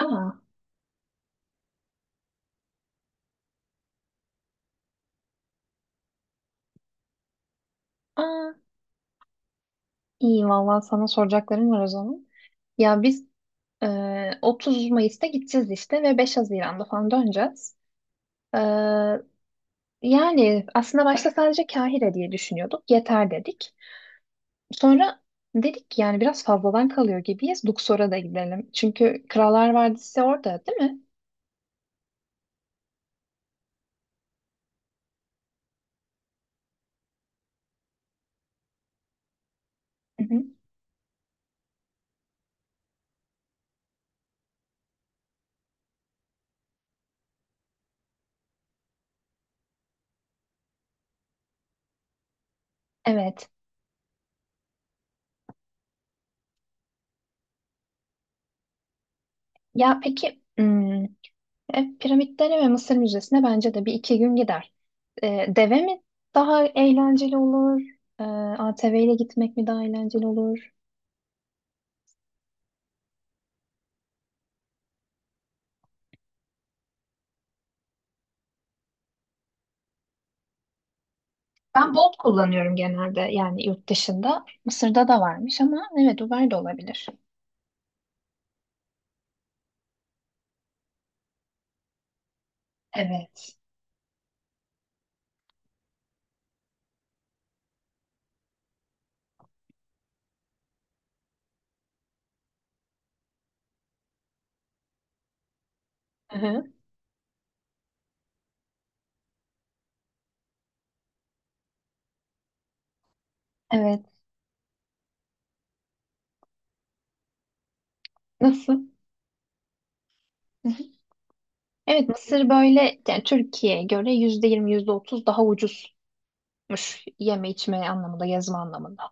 Aa, aa, iyi Vallahi sana soracaklarım var o zaman. Ya biz e, 30 Mayıs'ta gideceğiz işte ve 5 Haziran'da falan döneceğiz. E, Yani aslında başta sadece Kahire diye düşünüyorduk. Yeter dedik. Sonra dedik yani biraz fazladan kalıyor gibiyiz. Luxor'a da gidelim. Çünkü Krallar Vadisi orada değil mi? Hı hı. Evet. Ya peki, piramitlerine ve Mısır Müzesi'ne bence de bir iki gün gider. Deve mi daha eğlenceli olur? E, ATV ile gitmek mi daha eğlenceli olur? Ben Bolt kullanıyorum genelde yani yurt dışında. Mısır'da da varmış ama evet, Uber de olabilir. Evet. Hı-hı. Evet. Nasıl? Hı-hı. Evet, Mısır böyle yani Türkiye'ye göre %20, yüzde otuz daha ucuzmuş, yeme içme anlamında, gezme anlamında.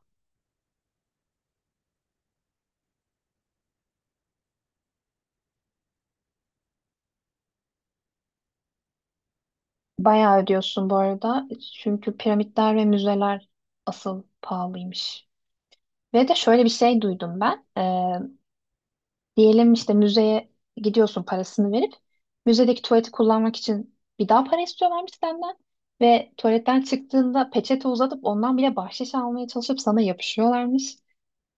Bayağı ödüyorsun bu arada, çünkü piramitler ve müzeler asıl pahalıymış. Ve de şöyle bir şey duydum ben. Diyelim işte müzeye gidiyorsun, parasını verip müzedeki tuvaleti kullanmak için bir daha para istiyorlarmış senden ve tuvaletten çıktığında peçete uzatıp ondan bile bahşiş almaya çalışıp sana yapışıyorlarmış.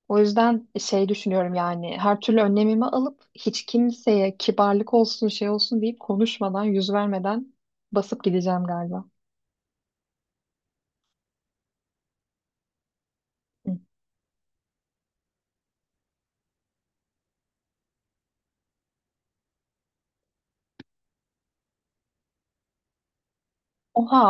O yüzden şey düşünüyorum yani, her türlü önlemimi alıp hiç kimseye kibarlık olsun, şey olsun deyip, konuşmadan, yüz vermeden basıp gideceğim galiba. Hı. Oha,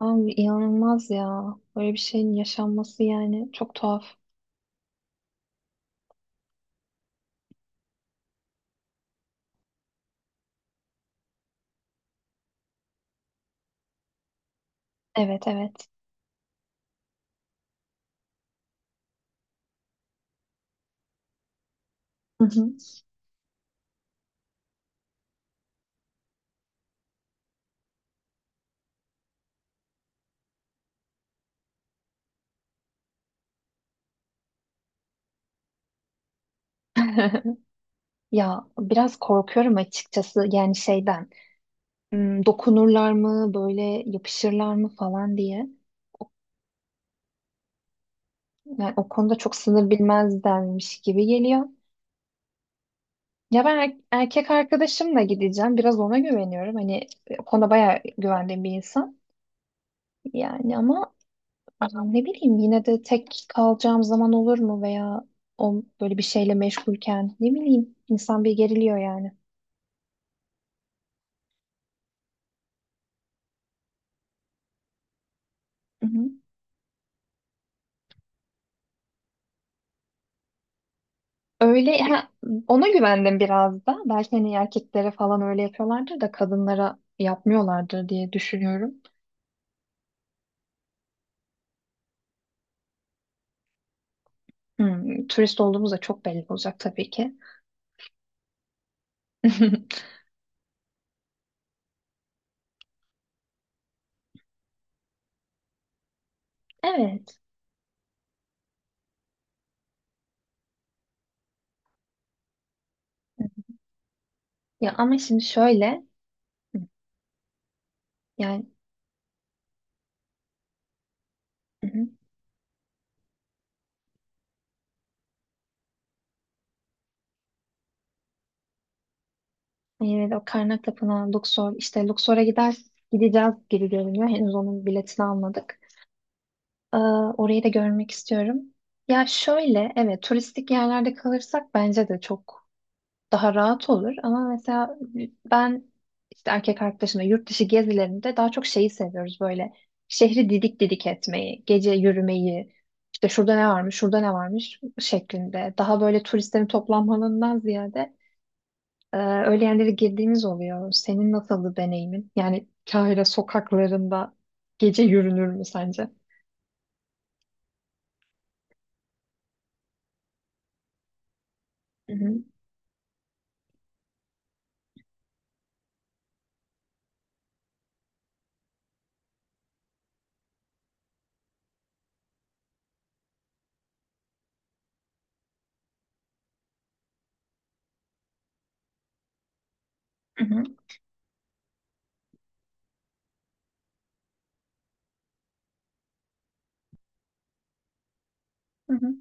abi, inanılmaz ya, böyle bir şeyin yaşanması yani çok tuhaf. Evet, evet. Hı hı. Ya biraz korkuyorum açıkçası yani, şeyden, dokunurlar mı, böyle yapışırlar mı falan diye. Yani o konuda çok sınır bilmezlermiş gibi geliyor. Ya ben erkek arkadaşımla gideceğim, biraz ona güveniyorum hani, o konuda bayağı güvendiğim bir insan. Yani ama... Hı. Ne bileyim, yine de tek kalacağım zaman olur mu veya o böyle bir şeyle meşgulken, ne bileyim, insan bir geriliyor yani. Öyle ha, ona güvendim biraz da. Belki hani erkeklere falan öyle yapıyorlardır da kadınlara yapmıyorlardır diye düşünüyorum. Turist olduğumuz da çok belli olacak tabii ki. Evet. Ya ama şimdi şöyle, hı, yani, hı hı. Yine de o Karnak Tapınağı, Luxor, işte Luxor'a gideceğiz gibi görünüyor. Henüz onun biletini almadık. Ee, Orayı da görmek istiyorum. Ya şöyle, evet, turistik yerlerde kalırsak bence de çok daha rahat olur ama mesela ben işte erkek arkadaşımla yurt dışı gezilerinde daha çok şeyi seviyoruz: böyle şehri didik didik etmeyi, gece yürümeyi, işte şurada ne varmış, şurada ne varmış şeklinde. Daha böyle turistlerin toplanmalarından ziyade öyle yerlere girdiğimiz oluyor. Senin nasıldı deneyimin? Yani Kahire sokaklarında gece yürünür mü sence? Hı hı. Hı hı. Hı hı.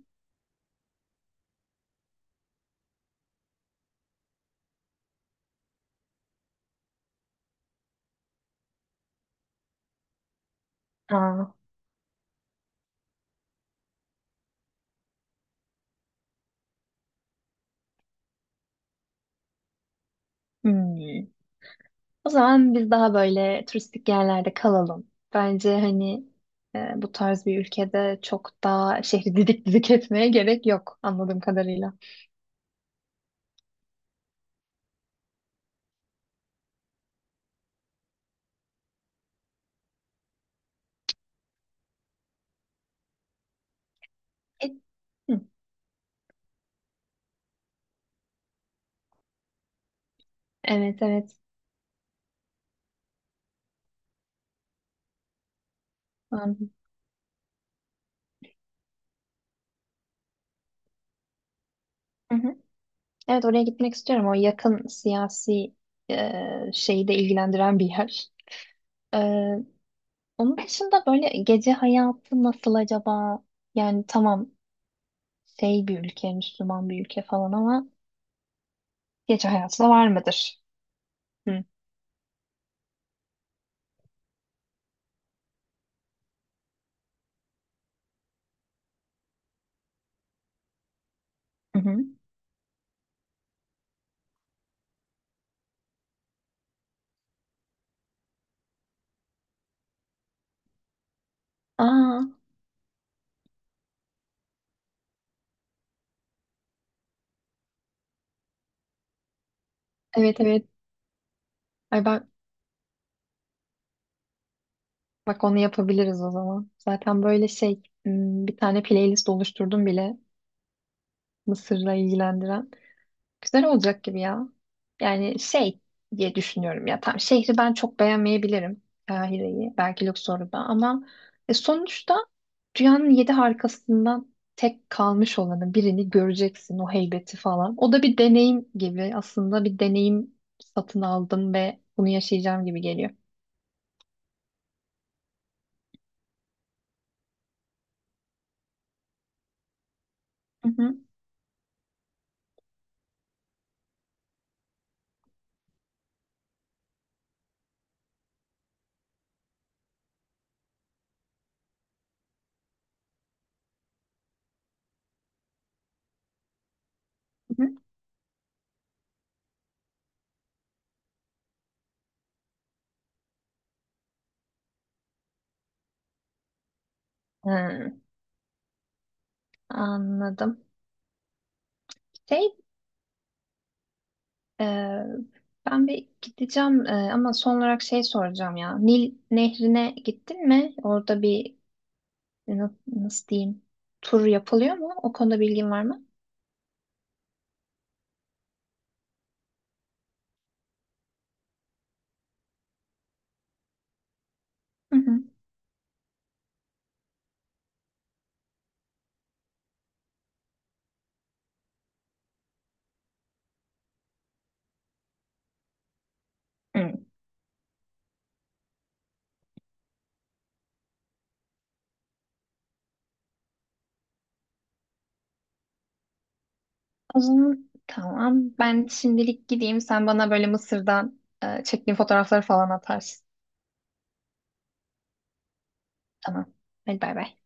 Aa, hmm. O zaman biz daha böyle turistik yerlerde kalalım. Bence hani, bu tarz bir ülkede çok daha şehri didik didik etmeye gerek yok anladığım kadarıyla. E, hı, evet, evet. Anladım. Hı hı. Evet, oraya gitmek istiyorum. O yakın siyasi şeyi de ilgilendiren bir yer. E, Onun dışında böyle gece hayatı nasıl acaba? Yani tamam, şey bir ülke, Müslüman bir ülke falan ama gece hayatı da var mıdır? Hı hı. Hı. Aa, evet, evet. Ay bak, bak, onu yapabiliriz o zaman. Zaten böyle şey, bir tane playlist oluşturdum bile Mısır'la ilgilendiren. Güzel olacak gibi ya. Yani şey diye düşünüyorum ya, tam şehri ben çok beğenmeyebilirim. Kahire'yi, belki Luxor'u da ama sonuçta dünyanın yedi harikasından tek kalmış olanı birini göreceksin, o heybeti falan. O da bir deneyim gibi, aslında bir deneyim satın aldım ve bunu yaşayacağım gibi geliyor. Hı hı. Hı hı. Hı, anladım. Şey, e, ben bir gideceğim ama son olarak şey soracağım ya. Nil Nehri'ne gittin mi? Orada bir nasıl diyeyim, tur yapılıyor mu? O konuda bilgin var mı? Hı hı. Hı. O zaman tamam. Ben şimdilik gideyim. Sen bana böyle Mısır'dan çektiğin fotoğrafları falan atarsın. Tamam. Hadi bay bay.